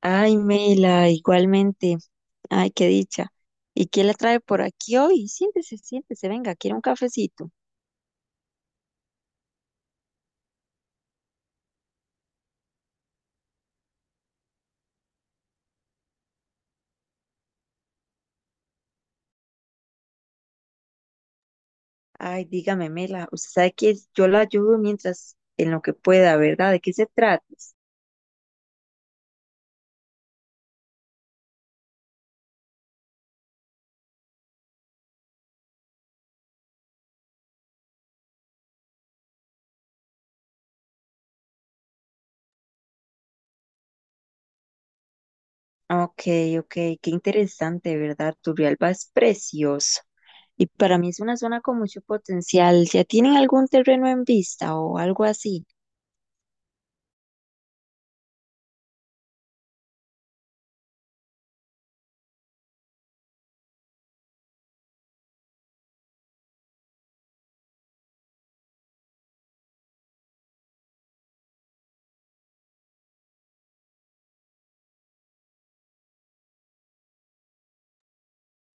Ay, Mela, igualmente. Ay, qué dicha. ¿Y quién la trae por aquí hoy? Siéntese, siéntese, venga, quiere un cafecito. Ay, dígame, Mela, usted sabe que yo la ayudo mientras en lo que pueda, ¿verdad? ¿De qué se trata? Ok, ok, qué interesante, ¿verdad? Turrialba es precioso. Y para mí es una zona con mucho potencial. ¿Ya tienen algún terreno en vista o algo así?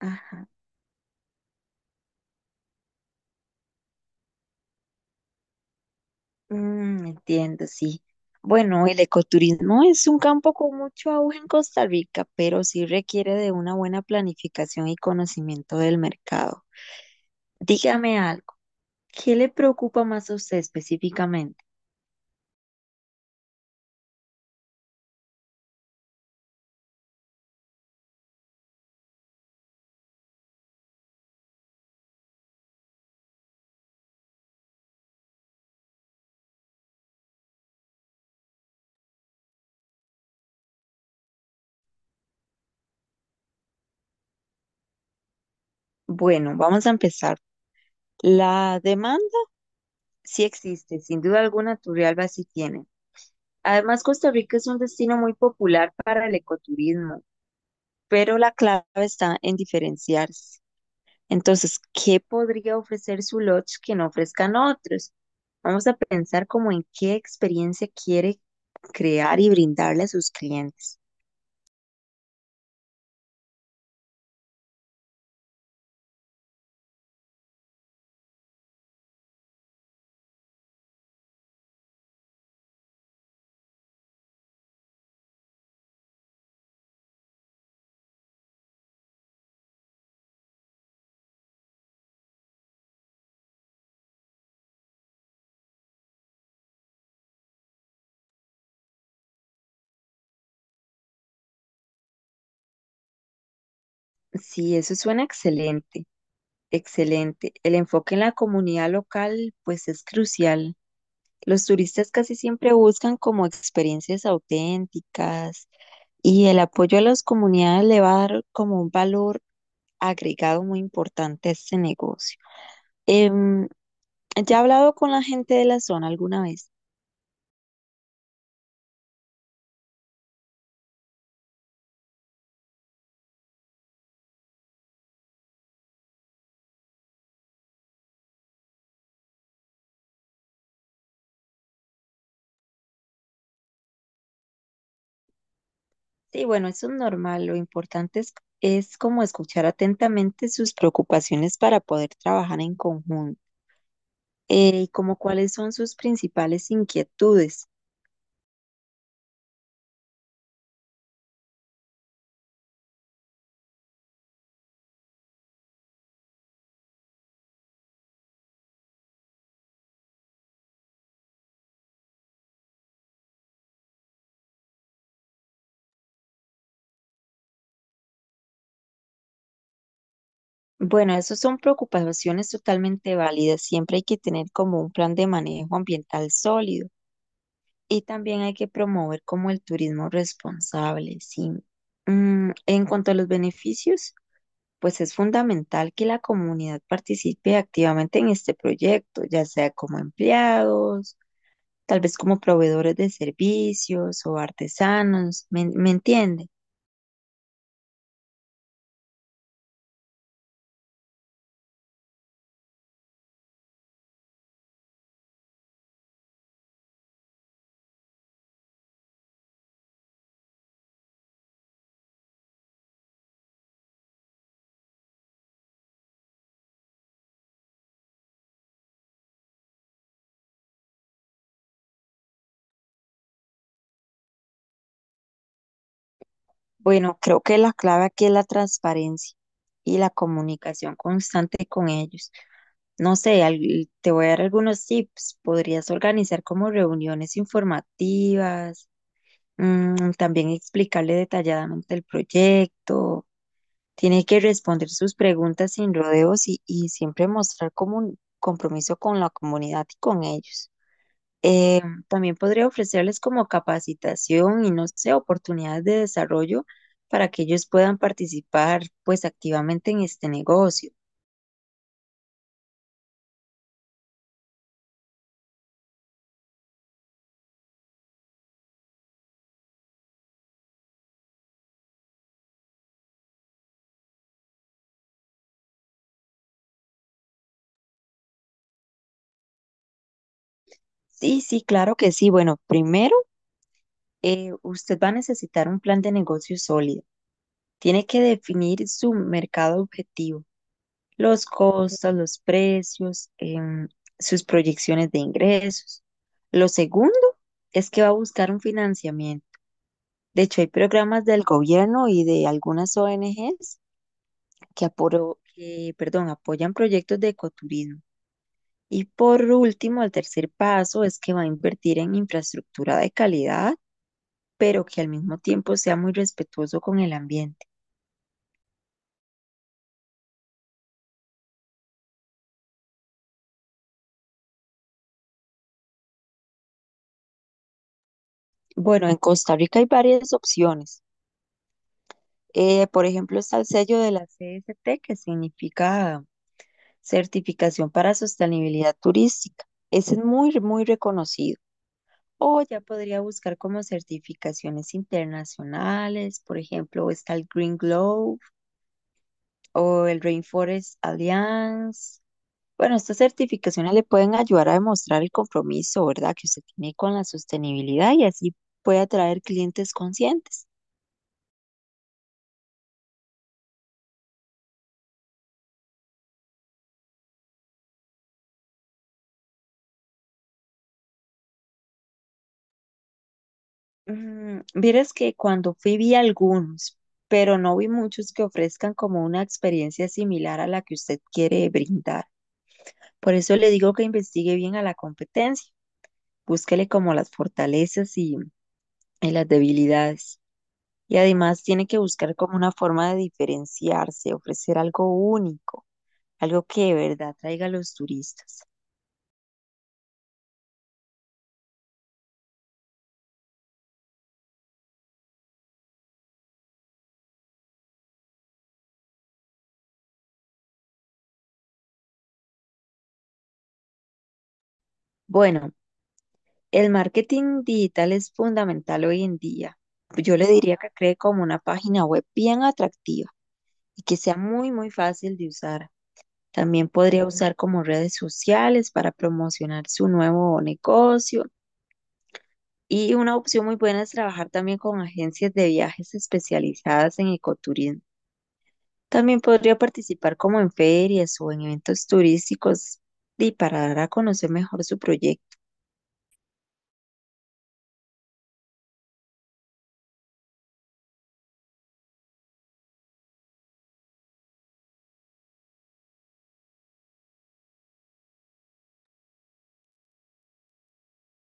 Ajá. Mm, entiendo, sí. Bueno, el ecoturismo es un campo con mucho auge en Costa Rica, pero sí requiere de una buena planificación y conocimiento del mercado. Dígame algo, ¿qué le preocupa más a usted específicamente? Bueno, vamos a empezar. La demanda sí existe, sin duda alguna Turrialba sí tiene. Además, Costa Rica es un destino muy popular para el ecoturismo, pero la clave está en diferenciarse. Entonces, ¿qué podría ofrecer su lodge que no ofrezcan otros? Vamos a pensar como en qué experiencia quiere crear y brindarle a sus clientes. Sí, eso suena excelente, excelente. El enfoque en la comunidad local, pues es crucial. Los turistas casi siempre buscan como experiencias auténticas y el apoyo a las comunidades le va a dar como un valor agregado muy importante a este negocio. Em, ¿Ya he hablado con la gente de la zona alguna vez? Sí, bueno, eso es normal. Lo importante es como escuchar atentamente sus preocupaciones para poder trabajar en conjunto. Y como cuáles son sus principales inquietudes. Bueno, esas son preocupaciones totalmente válidas. Siempre hay que tener como un plan de manejo ambiental sólido. Y también hay que promover como el turismo responsable, sí. En cuanto a los beneficios, pues es fundamental que la comunidad participe activamente en este proyecto, ya sea como empleados, tal vez como proveedores de servicios o artesanos, ¿me entiende? Bueno, creo que la clave aquí es la transparencia y la comunicación constante con ellos. No sé, te voy a dar algunos tips. Podrías organizar como reuniones informativas, también explicarle detalladamente el proyecto. Tiene que responder sus preguntas sin rodeos y, siempre mostrar como un compromiso con la comunidad y con ellos. Eh, También podría ofrecerles como capacitación y no sé, oportunidades de desarrollo para que ellos puedan participar pues activamente en este negocio. Sí, sí, claro que sí. Bueno, primero, usted va a necesitar un plan de negocio sólido. Tiene que definir su mercado objetivo, los costos, los precios, em, sus proyecciones de ingresos. Lo segundo es que va a buscar un financiamiento. De hecho, hay programas del gobierno y de algunas ONGs que, perdón, apoyan proyectos de ecoturismo. Y por último, el tercer paso es que va a invertir en infraestructura de calidad, pero que al mismo tiempo sea muy respetuoso con el ambiente. Bueno, en Costa Rica hay varias opciones. Por ejemplo, está el sello de la CST, que significa Certificación para Sostenibilidad Turística. Ese es muy, muy reconocido. O ya podría buscar como certificaciones internacionales, por ejemplo, está el Green Globe o el Rainforest Alliance. Bueno, estas certificaciones le pueden ayudar a demostrar el compromiso, ¿verdad?, que usted tiene con la sostenibilidad y así puede atraer clientes conscientes. Vieras que cuando fui vi algunos, pero no vi muchos que ofrezcan como una experiencia similar a la que usted quiere brindar. Por eso le digo que investigue bien a la competencia, búsquele como las fortalezas y, las debilidades. Y además tiene que buscar como una forma de diferenciarse, ofrecer algo único, algo que de verdad traiga a los turistas. Bueno, el marketing digital es fundamental hoy en día. Yo le diría que cree como una página web bien atractiva y que sea muy, muy fácil de usar. También podría usar como redes sociales para promocionar su nuevo negocio. Y una opción muy buena es trabajar también con agencias de viajes especializadas en ecoturismo. También podría participar como en ferias o en eventos turísticos y para dar a conocer mejor su proyecto.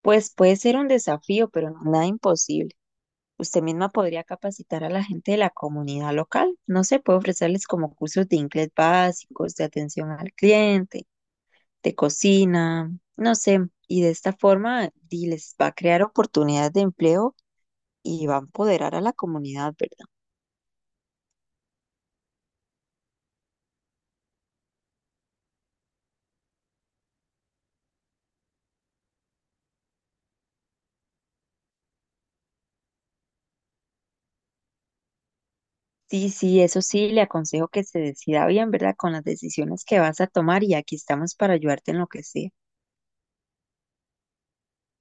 Pues puede ser un desafío, pero no nada imposible. Usted misma podría capacitar a la gente de la comunidad local. No sé, puede ofrecerles como cursos de inglés básicos, de atención al cliente, de cocina, no sé. Y de esta forma les va a crear oportunidades de empleo y va a empoderar a la comunidad, ¿verdad? Sí, sí, eso sí, le aconsejo que se decida bien, ¿verdad? Con las decisiones que vas a tomar y aquí estamos para ayudarte en lo que sea.